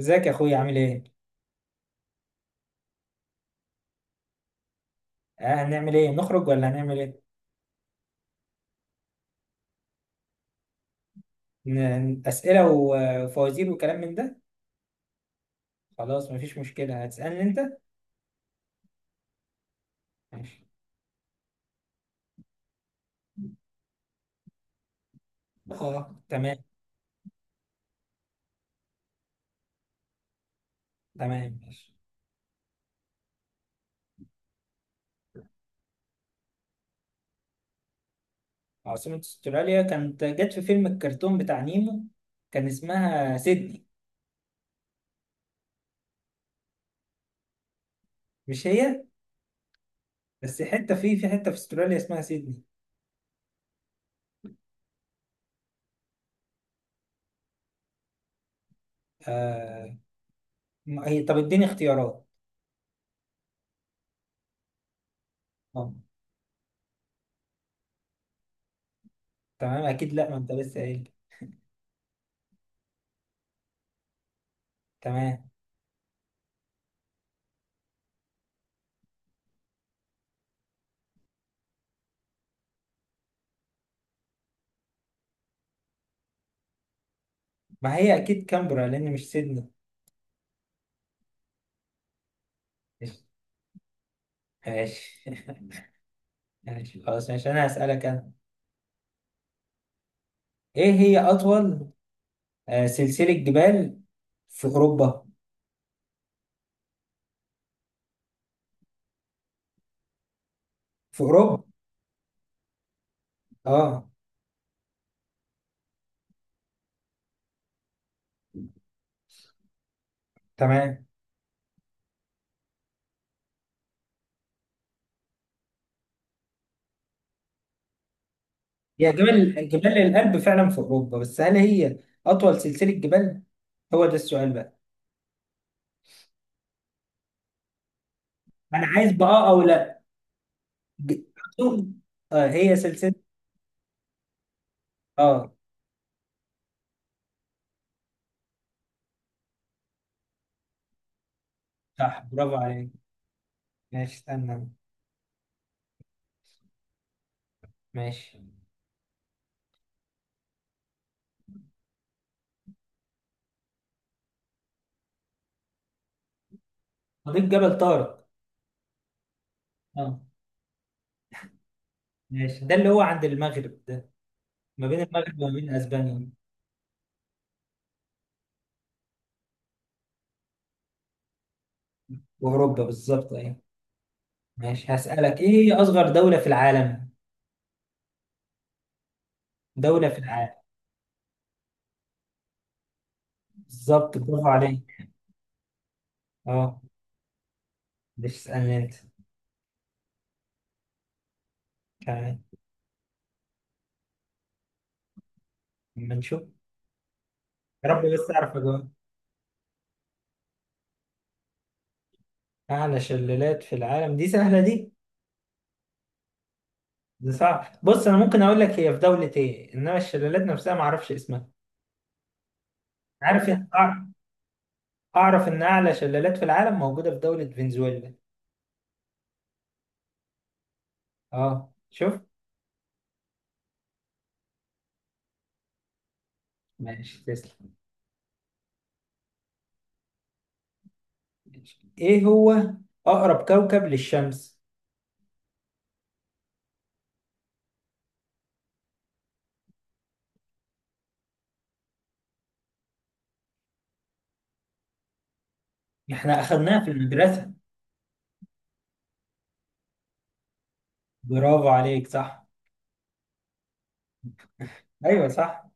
ازيك يا اخويا؟ عامل ايه؟ آه، هنعمل ايه؟ نخرج ولا هنعمل ايه؟ اسئله وفوازير وكلام من ده؟ خلاص، مفيش مشكله. هتسالني انت؟ ماشي. اه تمام. تمام ماشي. عاصمه استراليا كانت جت في فيلم الكرتون بتاع نيمو، كان اسمها سيدني. مش هي؟ بس حته، في حته في استراليا اسمها سيدني. آه. ما هي طب اديني اختيارات. اه تمام، اكيد لا، ما انت لسه قايل. تمام. ما هي اكيد كامبرا لان مش سيدني. ماشي ماشي خلاص، ماشي، انا هسألك انا. ايه هي اطول سلسلة جبال في اوروبا؟ في اوروبا. اه تمام. هي جبال، جبال الألب فعلا في اوروبا، بس هل هي اطول سلسلة جبال؟ هو ده السؤال بقى. انا عايز بقى آه او لا. ج- أطول- آه، هي سلسلة. اه صح، برافو عليك. ماشي استنى. ماشي. مضيق جبل طارق. اه ماشي، ده اللي هو عند المغرب ده، ما بين المغرب وما بين اسبانيا. واوروبا بالظبط اهي. ماشي، هسألك ايه هي اصغر دولة في العالم؟ دولة في العالم. بالظبط، برافو عليك. اه. مش اسألني انت؟ تمام، اما نشوف. يا رب بس اعرف اجاوب. اعلى شلالات في العالم دي سهلة دي. دي صعب، بص انا ممكن اقول لك هي في دولة ايه، انما الشلالات نفسها ما اعرفش اسمها. عارف إن- أع- اعرف ان اعلى شلالات في العالم موجودة في دولة فنزويلا. اه شوف. ماشي تسلم. ماشي. ايه هو اقرب كوكب للشمس؟ احنا اخذناها في المدرسة. برافو عليك، صح. ايوه صح.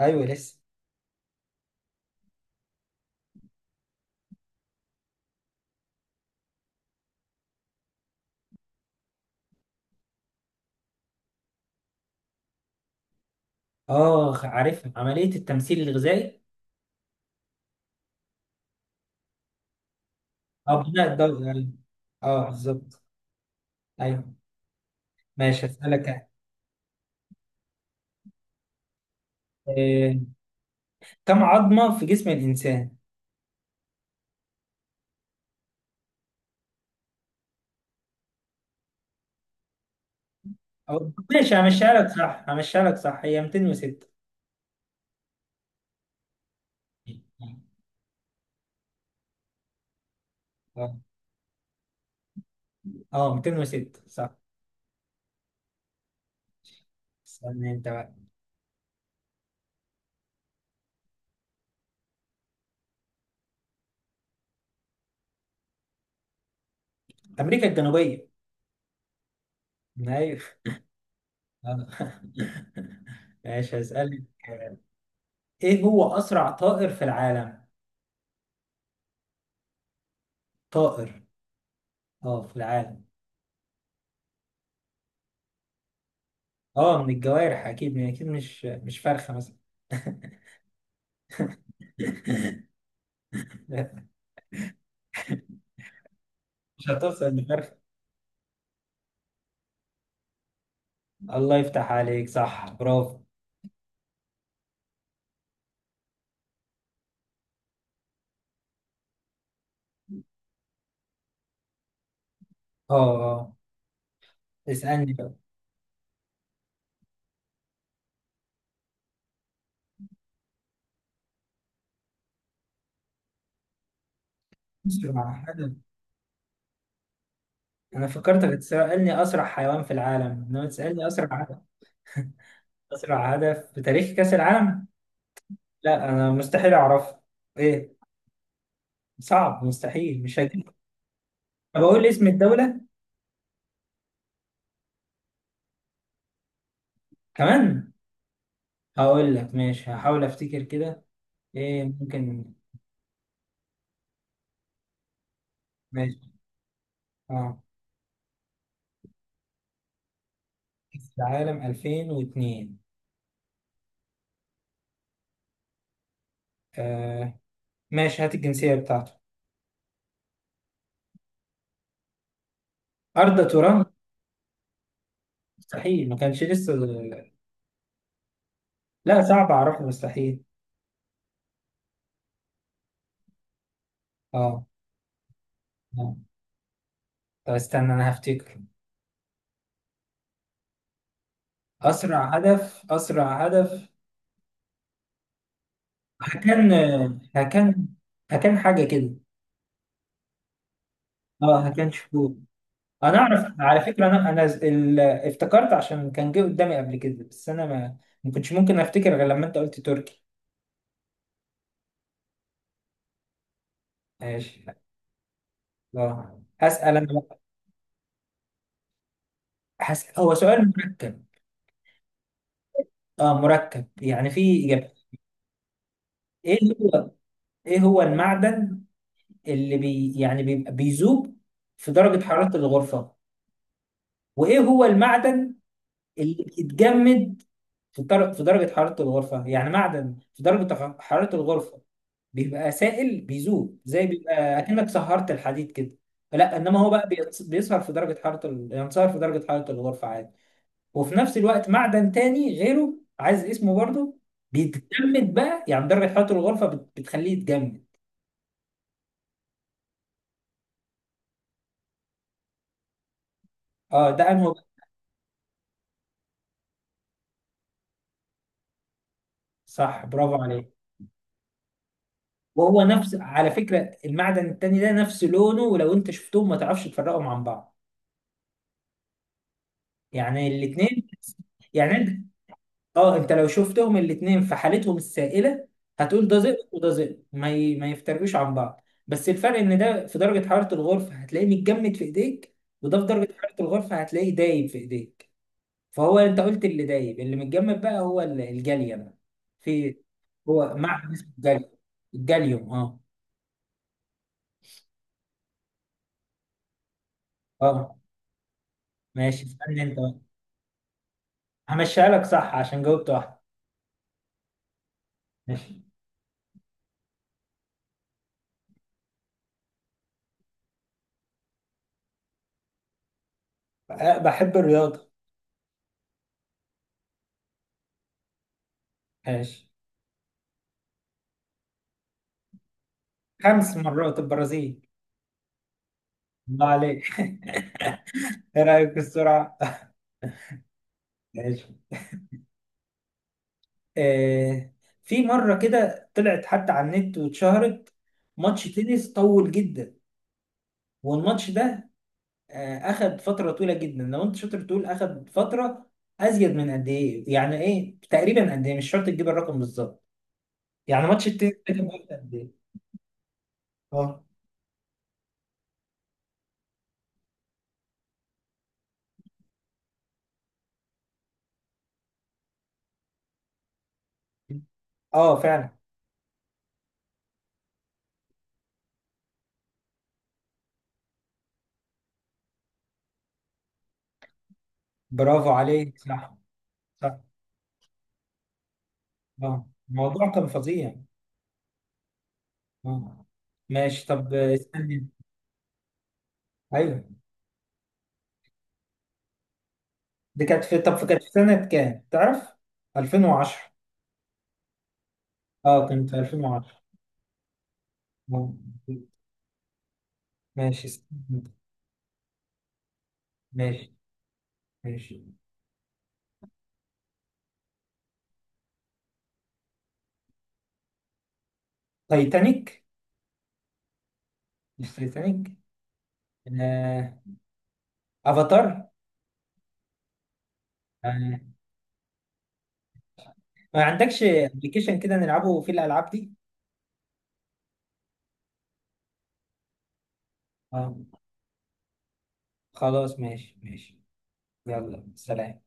ايوه لسه. اه عارفها، عملية التمثيل الغذائي. اه، بناء الدورة، أيوة. اه بالظبط. ايوه. ماشي، هسألك أنا. آه، كم عظمة في جسم الإنسان؟ أو ماشي، همشيها لك صح، همشيها لك صح، هي 206. اه، آه، 206 صح. استنى انت بقى. أمريكا الجنوبية. ايوه. آه ماشي هسألك، آه، ايه هو أسرع طائر في العالم؟ طائر. اه في العالم. اه من الجوارح اكيد، يعني اكيد مش فرخه مثلا مش هتوصل لفرخه. الله يفتح عليك، صح برافو. اه. اه اسالني بقى. اسرع هدف. انا فكرتك هتسالني اسرع حيوان في العالم، انما تسالني اسرع هدف. اسرع هدف في تاريخ كاس العالم، لا انا مستحيل اعرفه. ايه؟ صعب، مستحيل مش هجيب. طب اقول لي اسم الدوله كمان. هقول لك ماشي، هحاول افتكر كده. ايه ممكن؟ ماشي. اه. كاس العالم 2002. آه ماشي، هات الجنسية بتاعته. أردا توران. مستحيل، ما كانش لسه. لا صعب أعرفه، مستحيل. اه. آه، طب استنى أنا هفتكر. أسرع هدف، أسرع هدف. هكان. هكان. هكان حاجة كده. اه هكان شهور. أنا أعرف على فكرة، أنا افتكرت عشان كان جه قدامي قبل كده، بس أنا ما كنتش ممكن أفتكر غير لما أنت قلت تركي. ماشي. اه هسأل أنا بقى. هسأل، هو سؤال مركب. اه مركب، يعني في إجابة. ايه اللي هو، ايه هو المعدن اللي يعني بيبقى بيذوب في درجة حرارة الغرفة، وايه هو المعدن اللي بيتجمد في في درجة حرارة الغرفة؟ يعني معدن في درجة حرارة الغرفة بيبقى سائل، بيذوب، زي بيبقى اكنك سهرت الحديد كده. لا، انما هو بقى بيسهر في درجة حرارة ينصهر في درجة حرارة الغرفة عادي. وفي نفس الوقت معدن تاني غيره، عايز اسمه برضه، بيتجمد بقى، يعني درجة حرارة الغرفة بتخليه يتجمد. اه ده انه. صح برافو عليك. وهو نفس على فكرة، المعدن التاني ده نفس لونه، ولو انت شفتهم ما تعرفش تفرقهم عن بعض، يعني الاتنين. يعني انت، اه انت لو شفتهم الاتنين في حالتهم السائلة هتقول ده زئبق وده زئبق، ما يفترقوش عن بعض. بس الفرق ان ده في درجة حرارة الغرفة هتلاقيه متجمد في ايديك، وده في درجة حرارة الغرفة هتلاقيه دايب في ايديك. فهو انت قلت اللي دايب، اللي متجمد بقى هو الجاليوم. في، هو معدن اسمه الجاليوم. الجاليوم اه. اه. ماشي استنى انت. همشيها لك صح عشان جاوبت واحدة. ماشي. أه، بحب الرياضة. ماشي. 5 مرات البرازيل. الله عليك ايه رأيك في السرعة؟ ماشي. آه، في مرة كده طلعت حتى على النت واتشهرت، ماتش تنس طول جدا. والماتش ده آه أخد فترة طويلة جدا. لو أنت شاطر تقول أخد فترة أزيد من قد إيه؟ يعني إيه تقريبا قد إيه؟ مش شرط تجيب الرقم بالظبط، يعني ماتش التنس ده كان وقت قد إيه؟ أه أه فعلا. برافو عليك، صح. صح. اه، الموضوع كان فظيع. اه. ماشي طب استني. ايوه. دي كانت في، طب كانت في سنة كام؟ تعرف؟ 2010. اه كانت في 2010. اه. ماشي استني. ماشي. ماشي. تايتانيك. مش تايتانيك؟ آه، افاتار. آه. ما عندكش ابلكيشن كده نلعبه في الالعاب دي؟ اه. خلاص ماشي، ماشي. يلا سلام.